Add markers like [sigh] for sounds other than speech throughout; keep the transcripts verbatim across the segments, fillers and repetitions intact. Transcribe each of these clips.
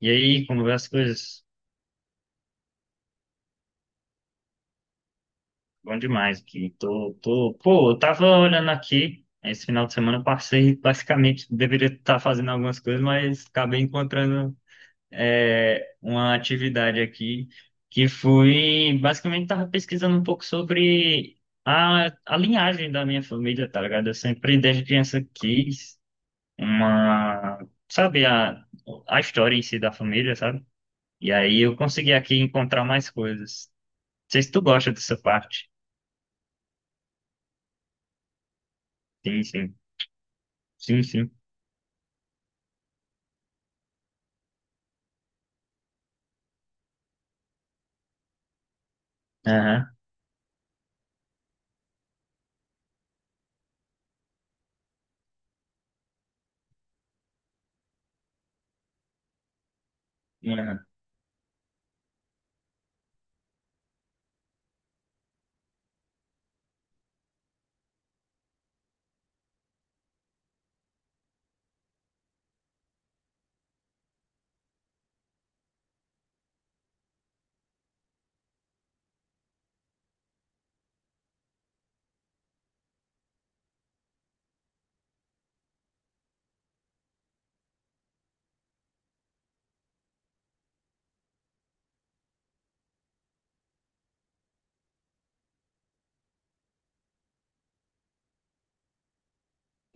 E aí, como vai as coisas? Bom demais aqui. Tô, tô... Pô, eu tava olhando aqui, esse final de semana eu passei, basicamente, deveria estar fazendo algumas coisas, mas acabei encontrando é, uma atividade aqui que fui, basicamente, tava pesquisando um pouco sobre a, a linhagem da minha família, tá ligado? Eu sempre, desde criança, quis uma... Sabe, a, a história em si da família, sabe? E aí eu consegui aqui encontrar mais coisas. Sei se tu gosta dessa parte. Sim, sim. Sim, sim. Aham. Aham.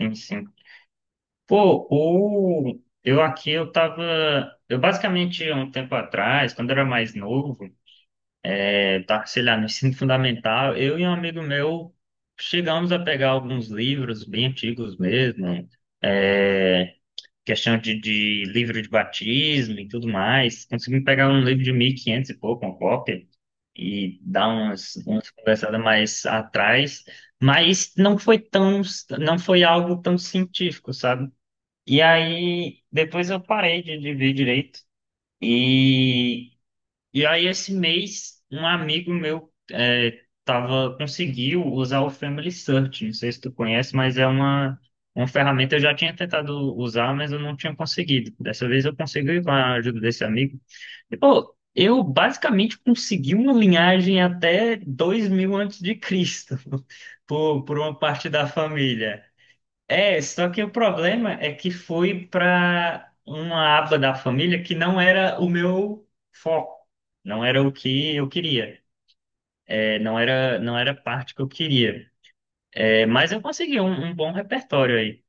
Sim, sim. Pô, o... eu aqui, eu tava... Eu basicamente, há um tempo atrás, quando eu era mais novo, é, eu tava, sei lá, no ensino [laughs] fundamental, eu e um amigo meu chegamos a pegar alguns livros bem antigos mesmo, é, questão de, de livro de batismo e tudo mais. Consegui pegar um livro de mil e quinhentos e quinhentos e pouco, uma cópia, e dar umas, umas conversadas mais atrás, mas não foi tão, não foi algo tão científico, sabe? E aí, depois eu parei de, de ver direito. E e aí, esse mês, um amigo meu é, tava, conseguiu usar o Family Search. Não sei se tu conhece, mas é uma, uma ferramenta que eu já tinha tentado usar, mas eu não tinha conseguido. Dessa vez eu consegui com a ajuda desse amigo. E, pô, eu basicamente consegui uma linhagem até dois mil antes de Cristo, [laughs] por, por uma parte da família. É, só que o problema é que foi para uma aba da família que não era o meu foco, não era o que eu queria, é, não era, não era a parte que eu queria. É, mas eu consegui um, um bom repertório aí.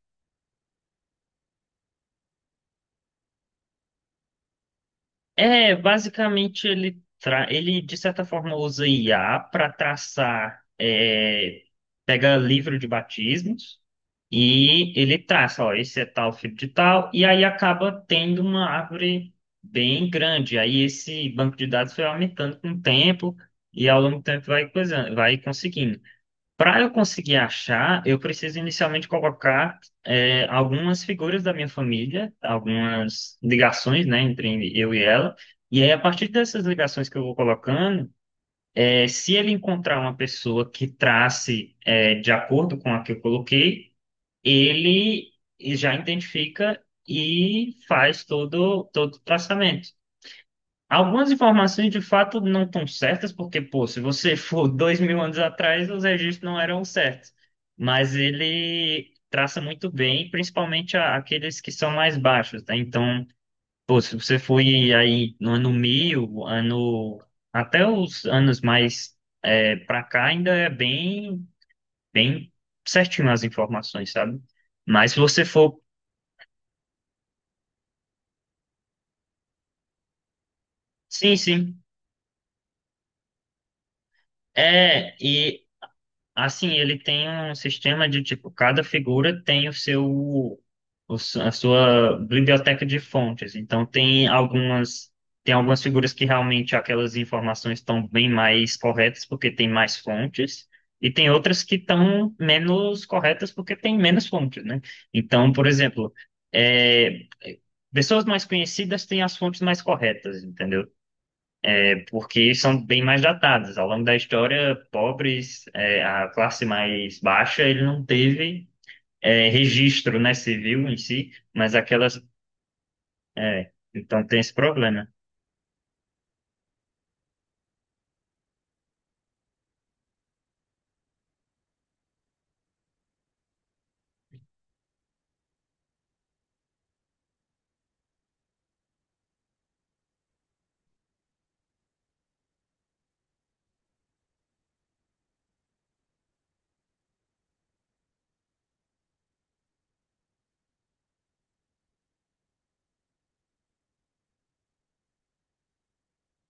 É, basicamente ele, tra... ele de certa forma usa I A para traçar, é, pega livro de batismos e ele traça, ó, esse é tal filho de tal, e aí acaba tendo uma árvore bem grande. Aí esse banco de dados foi aumentando com o tempo e ao longo do tempo vai coisando, vai conseguindo. Para eu conseguir achar, eu preciso inicialmente colocar é, algumas figuras da minha família, algumas ligações, né, entre eu e ela. E aí, a partir dessas ligações que eu vou colocando, é, se ele encontrar uma pessoa que trace é, de acordo com a que eu coloquei, ele já identifica e faz todo, todo o traçamento. Algumas informações de fato não estão certas, porque, pô, se você for [laughs] dois mil anos atrás, os registros não eram certos. Mas ele traça muito bem, principalmente a- aqueles que são mais baixos, tá? Então, pô, se você foi aí no ano mil, ano... até os anos mais é, pra cá, ainda é bem, bem certinho as informações, sabe? Mas se você for. Sim, sim. É, e Assim, ele tem um sistema de tipo, cada figura tem o seu, o su- a sua biblioteca de fontes. Então tem algumas tem algumas figuras que realmente aquelas informações estão bem mais corretas porque tem mais fontes, e tem outras que estão menos corretas porque tem menos fontes, né? Então, por exemplo, é, pessoas mais conhecidas têm as fontes mais corretas, entendeu? Porque são bem mais datadas. Ao longo da história, pobres, é, a classe mais baixa, ele não teve é, registro, né, civil em si, mas aquelas, é, então tem esse problema.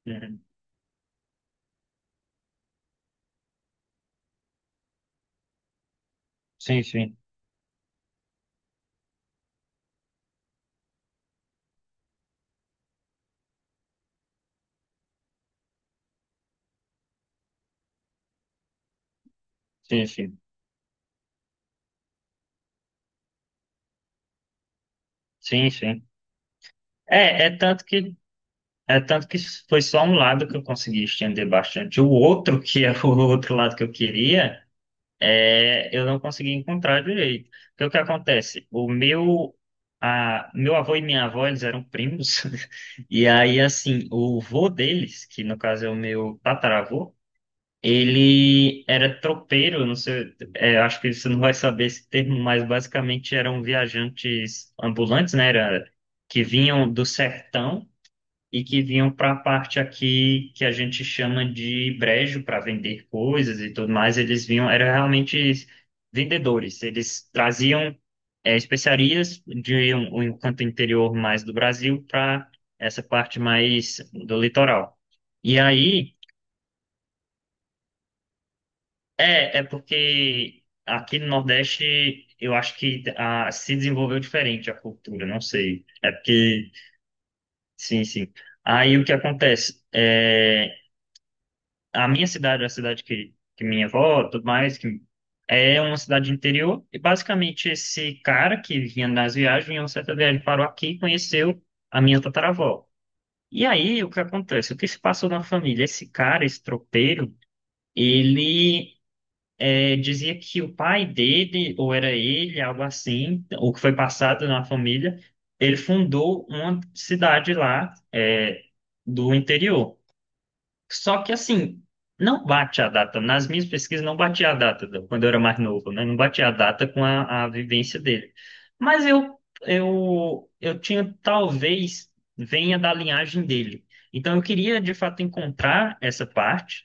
Uhum. Sim, sim, sim, sim, sim, sim. É, é tanto que é tanto que foi só um lado que eu consegui estender bastante. O outro, que é o outro lado que eu queria, é, eu não consegui encontrar direito. Porque o que acontece? O meu, a, meu avô e minha avó, eles eram primos, [laughs] e aí, assim, o vô deles, que no caso é o meu tataravô, ele era tropeiro, não sei, é, acho que você não vai saber esse termo, mas basicamente eram viajantes ambulantes, né? Era, que vinham do sertão e que vinham para a parte aqui que a gente chama de brejo para vender coisas e tudo mais. Eles vinham, eram realmente vendedores. Eles traziam eh, especiarias de um, um canto interior mais do Brasil para essa parte mais do litoral. E aí é, é porque aqui no Nordeste eu acho que ah, se desenvolveu diferente a cultura, não sei. É porque, sim, sim. Aí o que acontece? É, a minha cidade, a cidade que, que minha avó, tudo mais, que é uma cidade de interior, e basicamente esse cara que vinha nas viagens, em uma certa viagem parou aqui e conheceu a minha tataravó. E aí, o que acontece? O que se passou na família? Esse cara, esse tropeiro, ele eh, dizia que o pai dele, ou era ele, algo assim, o que foi passado na família, ele fundou uma cidade lá, eh, do interior. Só que assim, não bate a data. Nas minhas pesquisas não batia a data, do- quando eu era mais novo, né? Não batia a data com a, a vivência dele. Mas eu, eu, eu tinha, talvez, venha da linhagem dele. Então eu queria, de fato, encontrar essa parte,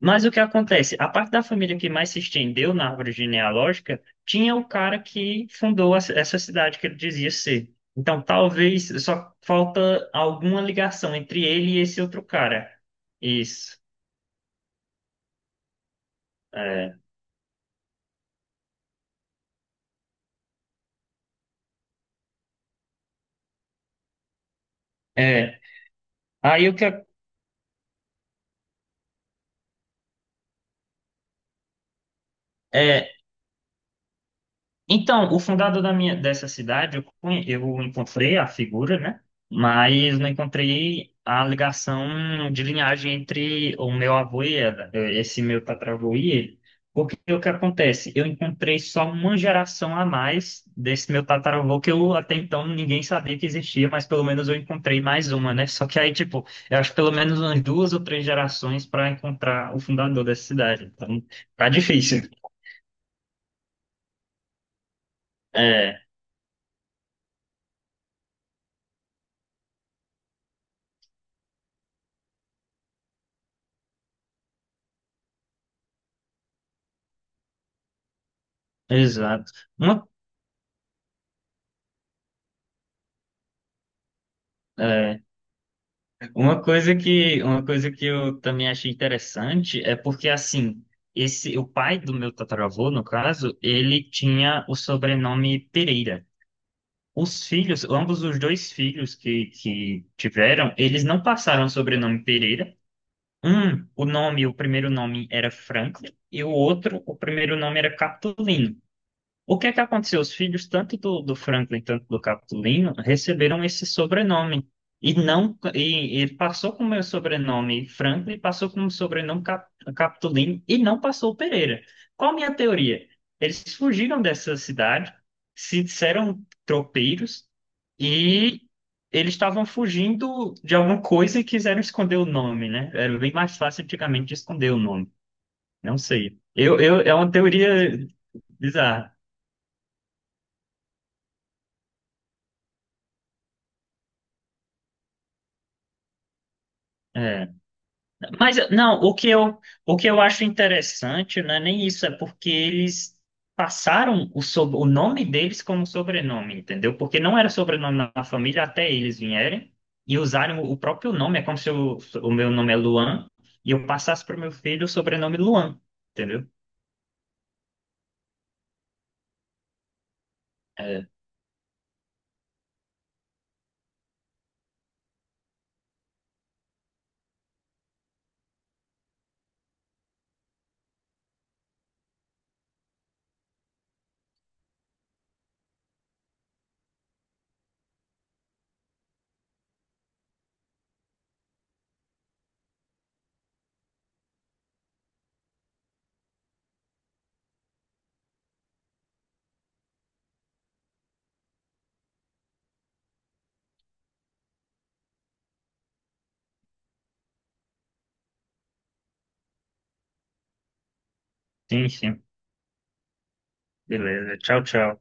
mas o que acontece? A parte da família que mais se estendeu na árvore genealógica tinha o cara que fundou a- essa cidade que ele dizia ser. Então, talvez só falta alguma ligação entre ele e esse outro cara. Isso. É. É. Aí o que é, Então, o fundador da minha, dessa cidade, eu, conhe- eu encontrei a figura, né? Mas não encontrei a ligação de linhagem entre o meu avô e ela, eh, esse meu tataravô e ele. Porque o que acontece? Eu encontrei só uma geração a mais desse meu tataravô, que eu até então ninguém sabia que existia, mas pelo menos eu encontrei mais uma, né? Só que aí, tipo, eu acho pelo menos umas duas ou três gerações para encontrar o fundador dessa cidade. Então, tá difícil. É, exato. Uma É, uma coisa que, uma coisa que eu também achei interessante é porque, assim, esse, o pai do meu tataravô, no caso, ele tinha o sobrenome Pereira. Os filhos, ambos os dois filhos que, que tiveram, eles não passaram o sobrenome Pereira. Um, o nome, o primeiro nome era Franklin, e o outro, o primeiro nome era Catulino. O que é que aconteceu? Os filhos, tanto do, do Franklin, tanto do Capitulino, receberam esse sobrenome. E não, e ele passou com o meu sobrenome Franklin, passou com o sobrenome Cap, Capitulino e não passou o Pereira. Qual a minha teoria? Eles fugiram dessa cidade, se disseram tropeiros e eles estavam fugindo de alguma coisa e quiseram esconder o nome, né? Era bem mais fácil antigamente de esconder o nome. Não sei. Eu, eu, é uma teoria bizarra. É. Mas não, o que eu, o que eu acho interessante não é nem isso, é porque eles passaram o, sob- o nome deles como sobrenome, entendeu? Porque não era sobrenome na família até eles vierem e usarem o próprio nome. É como se eu- o meu nome é Luan e eu passasse para o meu filho o sobrenome Luan, entendeu? É, sim, sim. Beleza. Tchau, tchau.